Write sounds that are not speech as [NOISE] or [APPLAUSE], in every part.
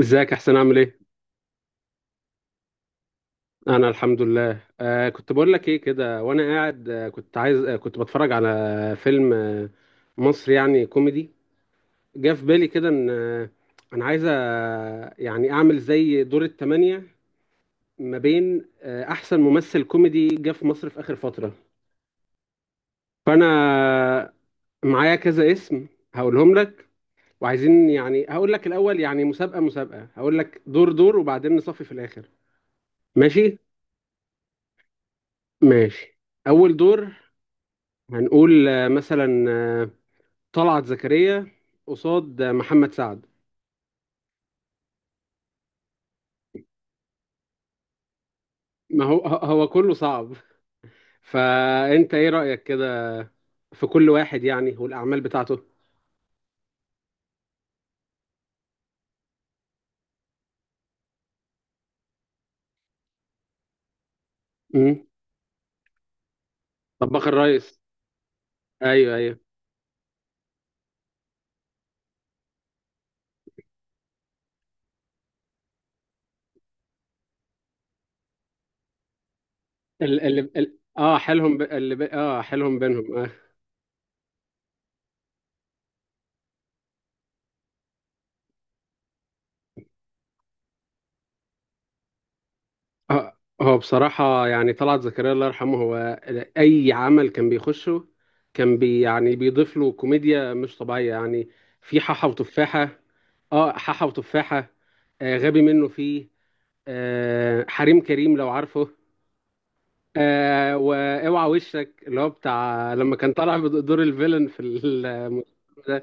ازيك يا حسين عامل ايه؟ انا الحمد لله كنت بقول لك ايه كده وانا قاعد، كنت عايز، كنت بتفرج على فيلم مصري يعني كوميدي. جه في بالي كده ان انا عايز، يعني اعمل زي دور التمانية ما بين احسن ممثل كوميدي جه في مصر في اخر فترة. فانا آه، معايا كذا اسم هقولهم لك، وعايزين يعني هقول لك الاول، يعني مسابقة هقول لك دور وبعدين نصفي في الاخر. ماشي؟ ماشي. اول دور هنقول مثلا طلعت زكريا قصاد محمد سعد. ما هو هو كله صعب. [LAUGHS] فأنت إيه رأيك كده في كل واحد يعني، والأعمال بتاعته؟ امم، طباخ الريس، أيوه أيوه. اللي, اللي ال- اه حيلهم ب... اللي ب... اه حيلهم بينهم آه. هو هو بصراحة يعني طلعت زكريا الله يرحمه، هو أي عمل كان بيخشه كان بي يعني بيضيف له كوميديا مش طبيعية يعني. في حاحة وتفاحة، اه حاحة وتفاحة، آه غبي منه فيه، آه حريم كريم لو عارفه، آه واوعى وشك اللي هو بتاع لما كان طالع بدور الفيلن في ال-، ده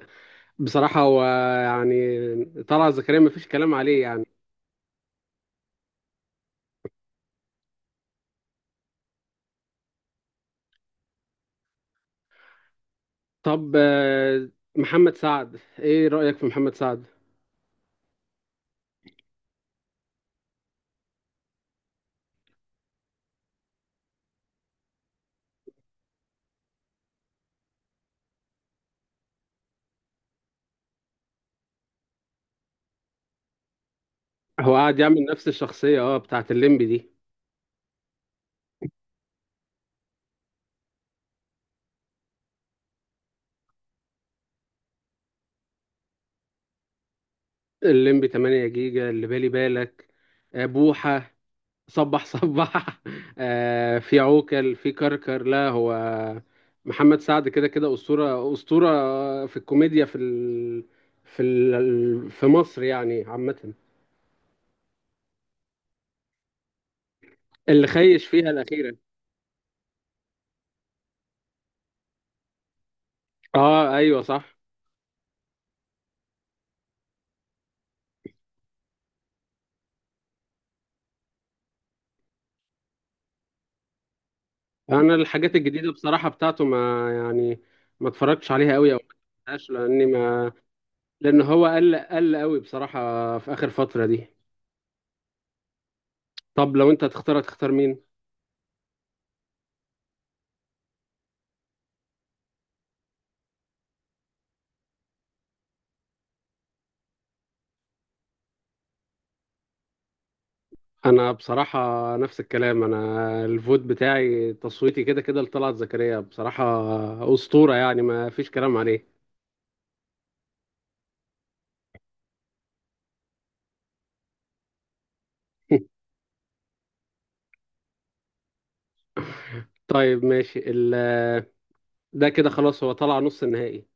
بصراحة هو يعني طلعت زكريا مفيش كلام عليه يعني. طب محمد سعد، ايه رأيك في محمد سعد؟ هو قاعد يعمل نفس الشخصية اه بتاعت الليمبي دي، الليمبي 8 جيجا اللي بالي بالك، بوحة، صبح [LAUGHS] في عوكل، في كركر. لا هو محمد سعد كده كده أسطورة أسطورة في الكوميديا في مصر يعني عامة. اللي خيش فيها الأخيرة اه ايوه صح. انا الحاجات الجديدة بصراحة بتاعته يعني ما اتفرجتش عليها قوي، او ما شفتهاش لاني ما لان هو قل قوي بصراحه في اخر فتره دي. طب لو انت تختار، تختار مين؟ انا بصراحه نفس الكلام، انا الفوت بتاعي تصويتي كده كده لطلعت زكريا بصراحه، اسطوره يعني ما فيش كلام عليه. [LAUGHS] طيب ماشي ال-، ده كده خلاص هو طلع نص النهائي.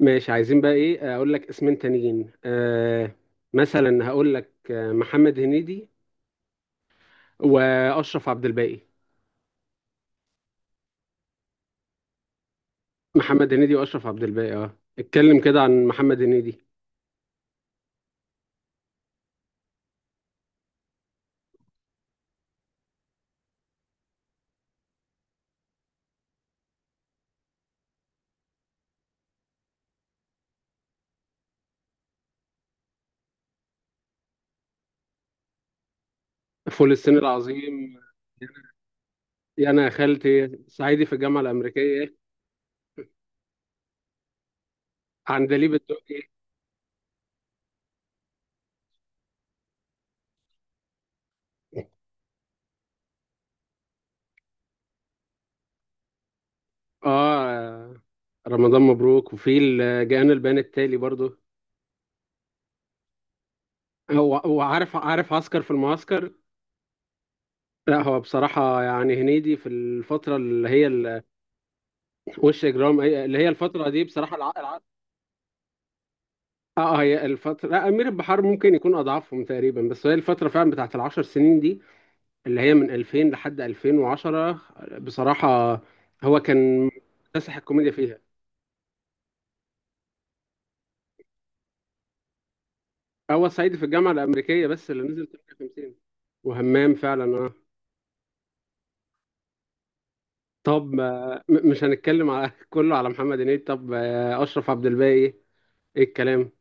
ماشي، عايزين بقى ايه، اقول لك اسمين تانيين آه، مثلا هقول لك محمد هنيدي واشرف عبد الباقي. محمد هنيدي واشرف عبد الباقي، اه اتكلم كده عن محمد هنيدي. فول الصين العظيم، يا انا يا خالتي، صعيدي في الجامعه الامريكيه، عندليب الدقي، اه رمضان مبروك وفي الجان البيان التالي برضو، هو عارف، عارف، عسكر في المعسكر. لا هو بصراحة يعني هنيدي في الفترة اللي هي ال-، وش إجرام، أي- اللي هي الفترة دي بصراحة اه هي الفترة، لا أمير البحار ممكن يكون أضعفهم تقريبا، بس هي الفترة فعلا بتاعت العشر سنين دي اللي هي من 2000 لحد 2010 بصراحة هو كان مكتسح الكوميديا فيها. هو صعيدي في الجامعة الأمريكية بس اللي نزل 58، وهمام فعلا اه. طب مش هنتكلم على [LAUGHS] كله على محمد هنيدي. طب أشرف عبد الباقي، إيه الكلام!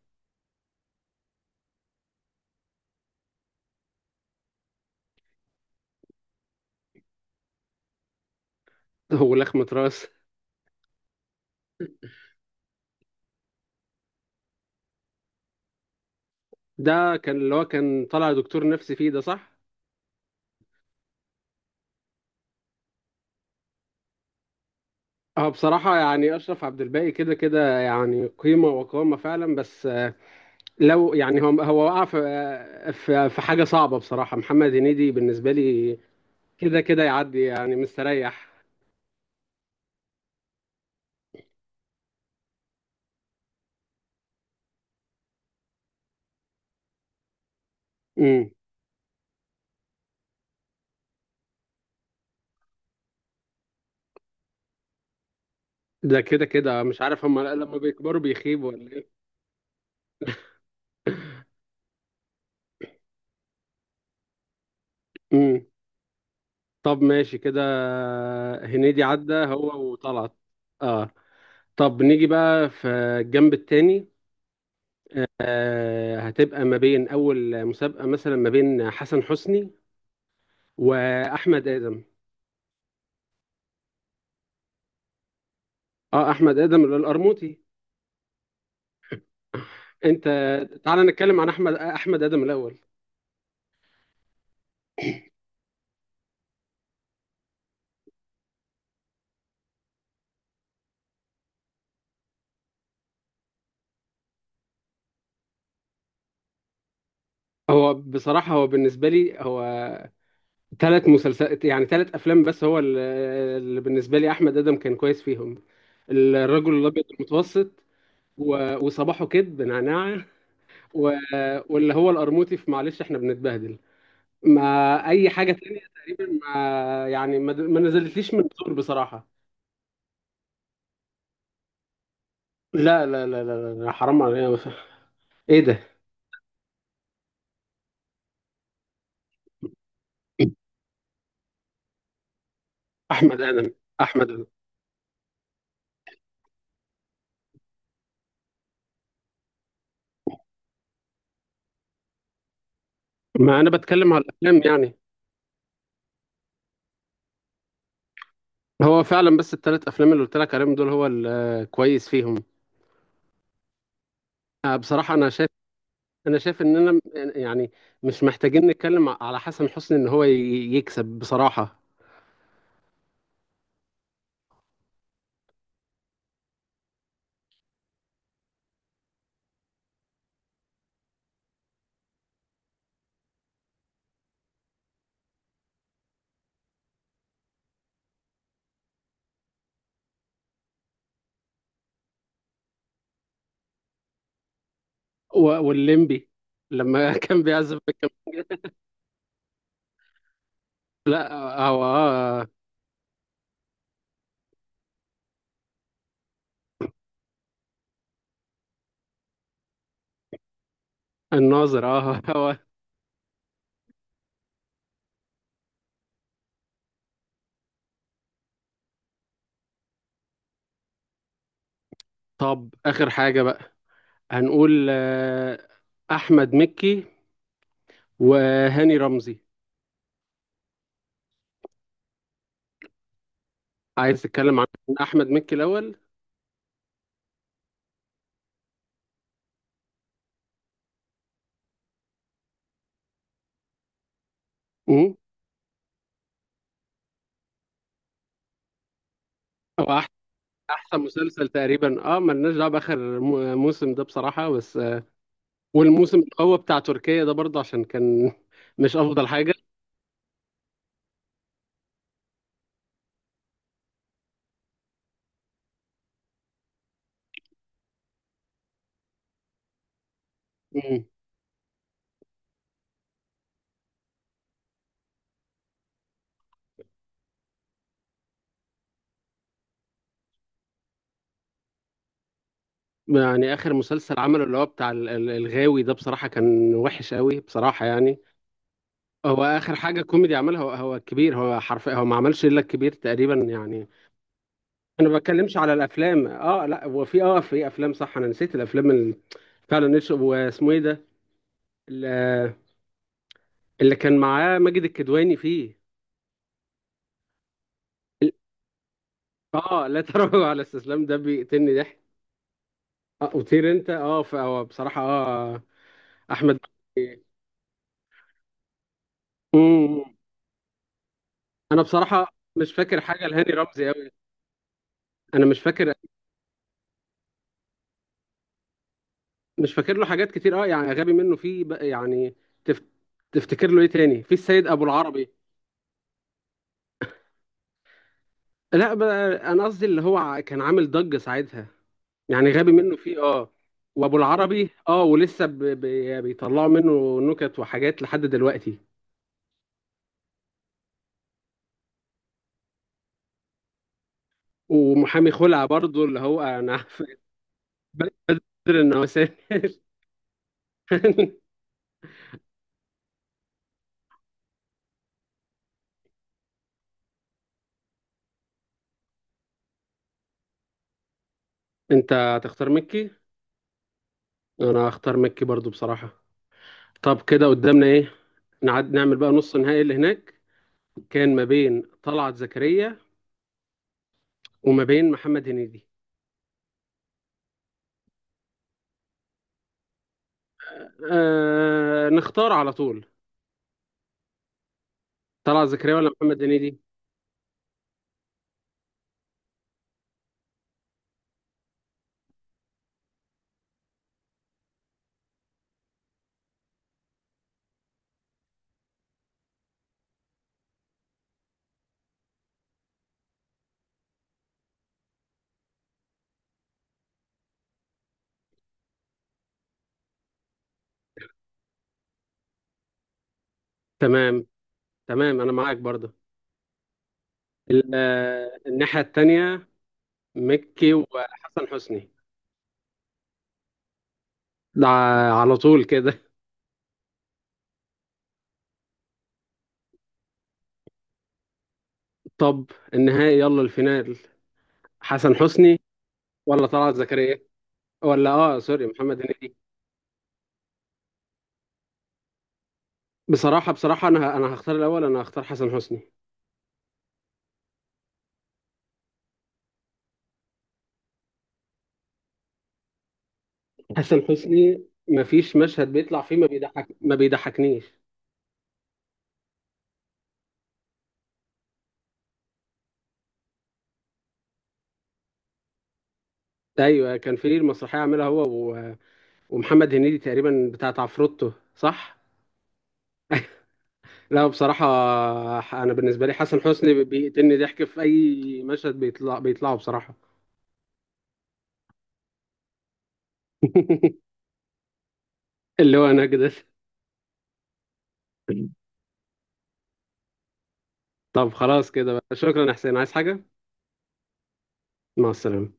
[LAUGHS] ولخمة راس، ده كان اللي هو كان طالع دكتور نفسي فيه ده صح؟ اه بصراحة يعني أشرف عبد الباقي كده كده يعني قيمة وقامة فعلا، بس لو يعني هو وقع في في حاجة صعبة. بصراحة محمد هنيدي بالنسبة لي كده كده يعدي يعني مستريح. امم. ده كده كده مش عارف، هم لما بيكبروا بيخيبوا ولا ايه؟ امم. طب ماشي كده. هنيدي عدى هو وطلعت، اه. طب نيجي بقى في الجنب التاني. آه هتبقى ما بين اول مسابقة مثلا ما بين حسن حسني واحمد ادم. اه احمد ادم القرموطي. انت تعال نتكلم عن احمد ادم الاول. هو بصراحة، هو بالنسبة لي، هو ثلاث مسلسلات يعني ثلاث أفلام بس هو ال- اللي بالنسبة لي أحمد آدم كان كويس فيهم: الرجل الأبيض المتوسط، وصباحه كده بنعناع، و- واللي هو القرموطي في معلش إحنا بنتبهدل. ما أي حاجة تانية تقريبا ما يعني ما ما نزلتليش من الدور بصراحة. لا حرام عليا، إيه ده! أحمد آدم، أحمد آدم. ما أنا بتكلم على الأفلام يعني. هو فعلا بس الثلاث افلام اللي قلت لك عليهم دول هو الكويس فيهم. بصراحه انا شايف، انا شايف اننا م- يعني مش محتاجين نتكلم ع- على حسن حسني ان هو ي- يكسب بصراحه. والليمبي لما [LAUGHS] كان بيعزف كان، لا هو اه الناظر اه. [LAUGHS] هو طب اخر حاجه بقى، هنقول احمد مكي وهاني رمزي. عايز تتكلم عن احمد مكي الاول. مم. احسن مسلسل تقريبا اه ملناش دعوه باخر موسم ده بصراحه، بس والموسم القوي بتاع تركيا ده برضه عشان كان مش افضل حاجه. مم. يعني اخر مسلسل عمله اللي هو بتاع الغاوي ده بصراحه كان وحش قوي بصراحه يعني. اخر حاجه كوميدي عملها هو، هو الكبير. هو حرفيا هو ما عملش الا الكبير تقريبا يعني. انا ما بتكلمش على الافلام. اه لا هو في اه في افلام صح، انا نسيت الافلام اللي فعلا نتش- واسمه ايه ده، اللي اللي كان معاه ماجد الكدواني فيه. اه لا تراجع على استسلام، ده بيقتلني ضحك. آه وطير انت، اه ف- هو بصراحه اه احمد. مم. انا بصراحه مش فاكر حاجه لهاني رمزي قوي. انا مش فاكر، مش فاكر له حاجات كتير اه، يعني غبي منه في بقى- يعني تف... تفتكر له ايه تاني؟ في السيد ابو العربي. لا بقى انا قصدي اللي هو ع- كان عامل ضجه ساعتها يعني، غبي منه فيه اه، وابو العربي اه، ولسه يعني بيطلعوا منه نكت وحاجات لحد دلوقتي. ومحامي خلع برضه اللي هو انا [LAUGHS] بدر النواسير. [LAUGHS] انت هتختار مكي. انا هختار مكي برضو بصراحة. طب كده قدامنا ايه؟ نعد نعمل بقى نص النهائي اللي هناك كان ما بين طلعت زكريا وما بين محمد هنيدي. آه نختار على طول. طلعت زكريا ولا محمد هنيدي؟ تمام، تمام انا معاك برضو. ال- الناحية التانية، مكي وحسن حسني. ده على طول كده. طب النهائي، يلا الفينال. حسن حسني ولا طلعت زكريا ولا، اه سوري، محمد هنيدي. بصراحة بصراحة انا ه-، انا هختار الاول، انا هختار حسن حسني. حسن حسني مفيش مشهد بيطلع فيه ما بيضحك ما بيضحكنيش. ايوه كان في المسرحية عاملها هو و... ومحمد هنيدي تقريبا بتاعت عفروتو صح. لا بصراحة ح- انا بالنسبة لي حسن حسني بي- بيقتلني ضحك في اي مشهد بيطلع بيطلعه بصراحة. [LAUGHS] اللي هو انا كده. طب خلاص كده بقى، شكرا يا حسين، عايز حاجة؟ مع السلامة.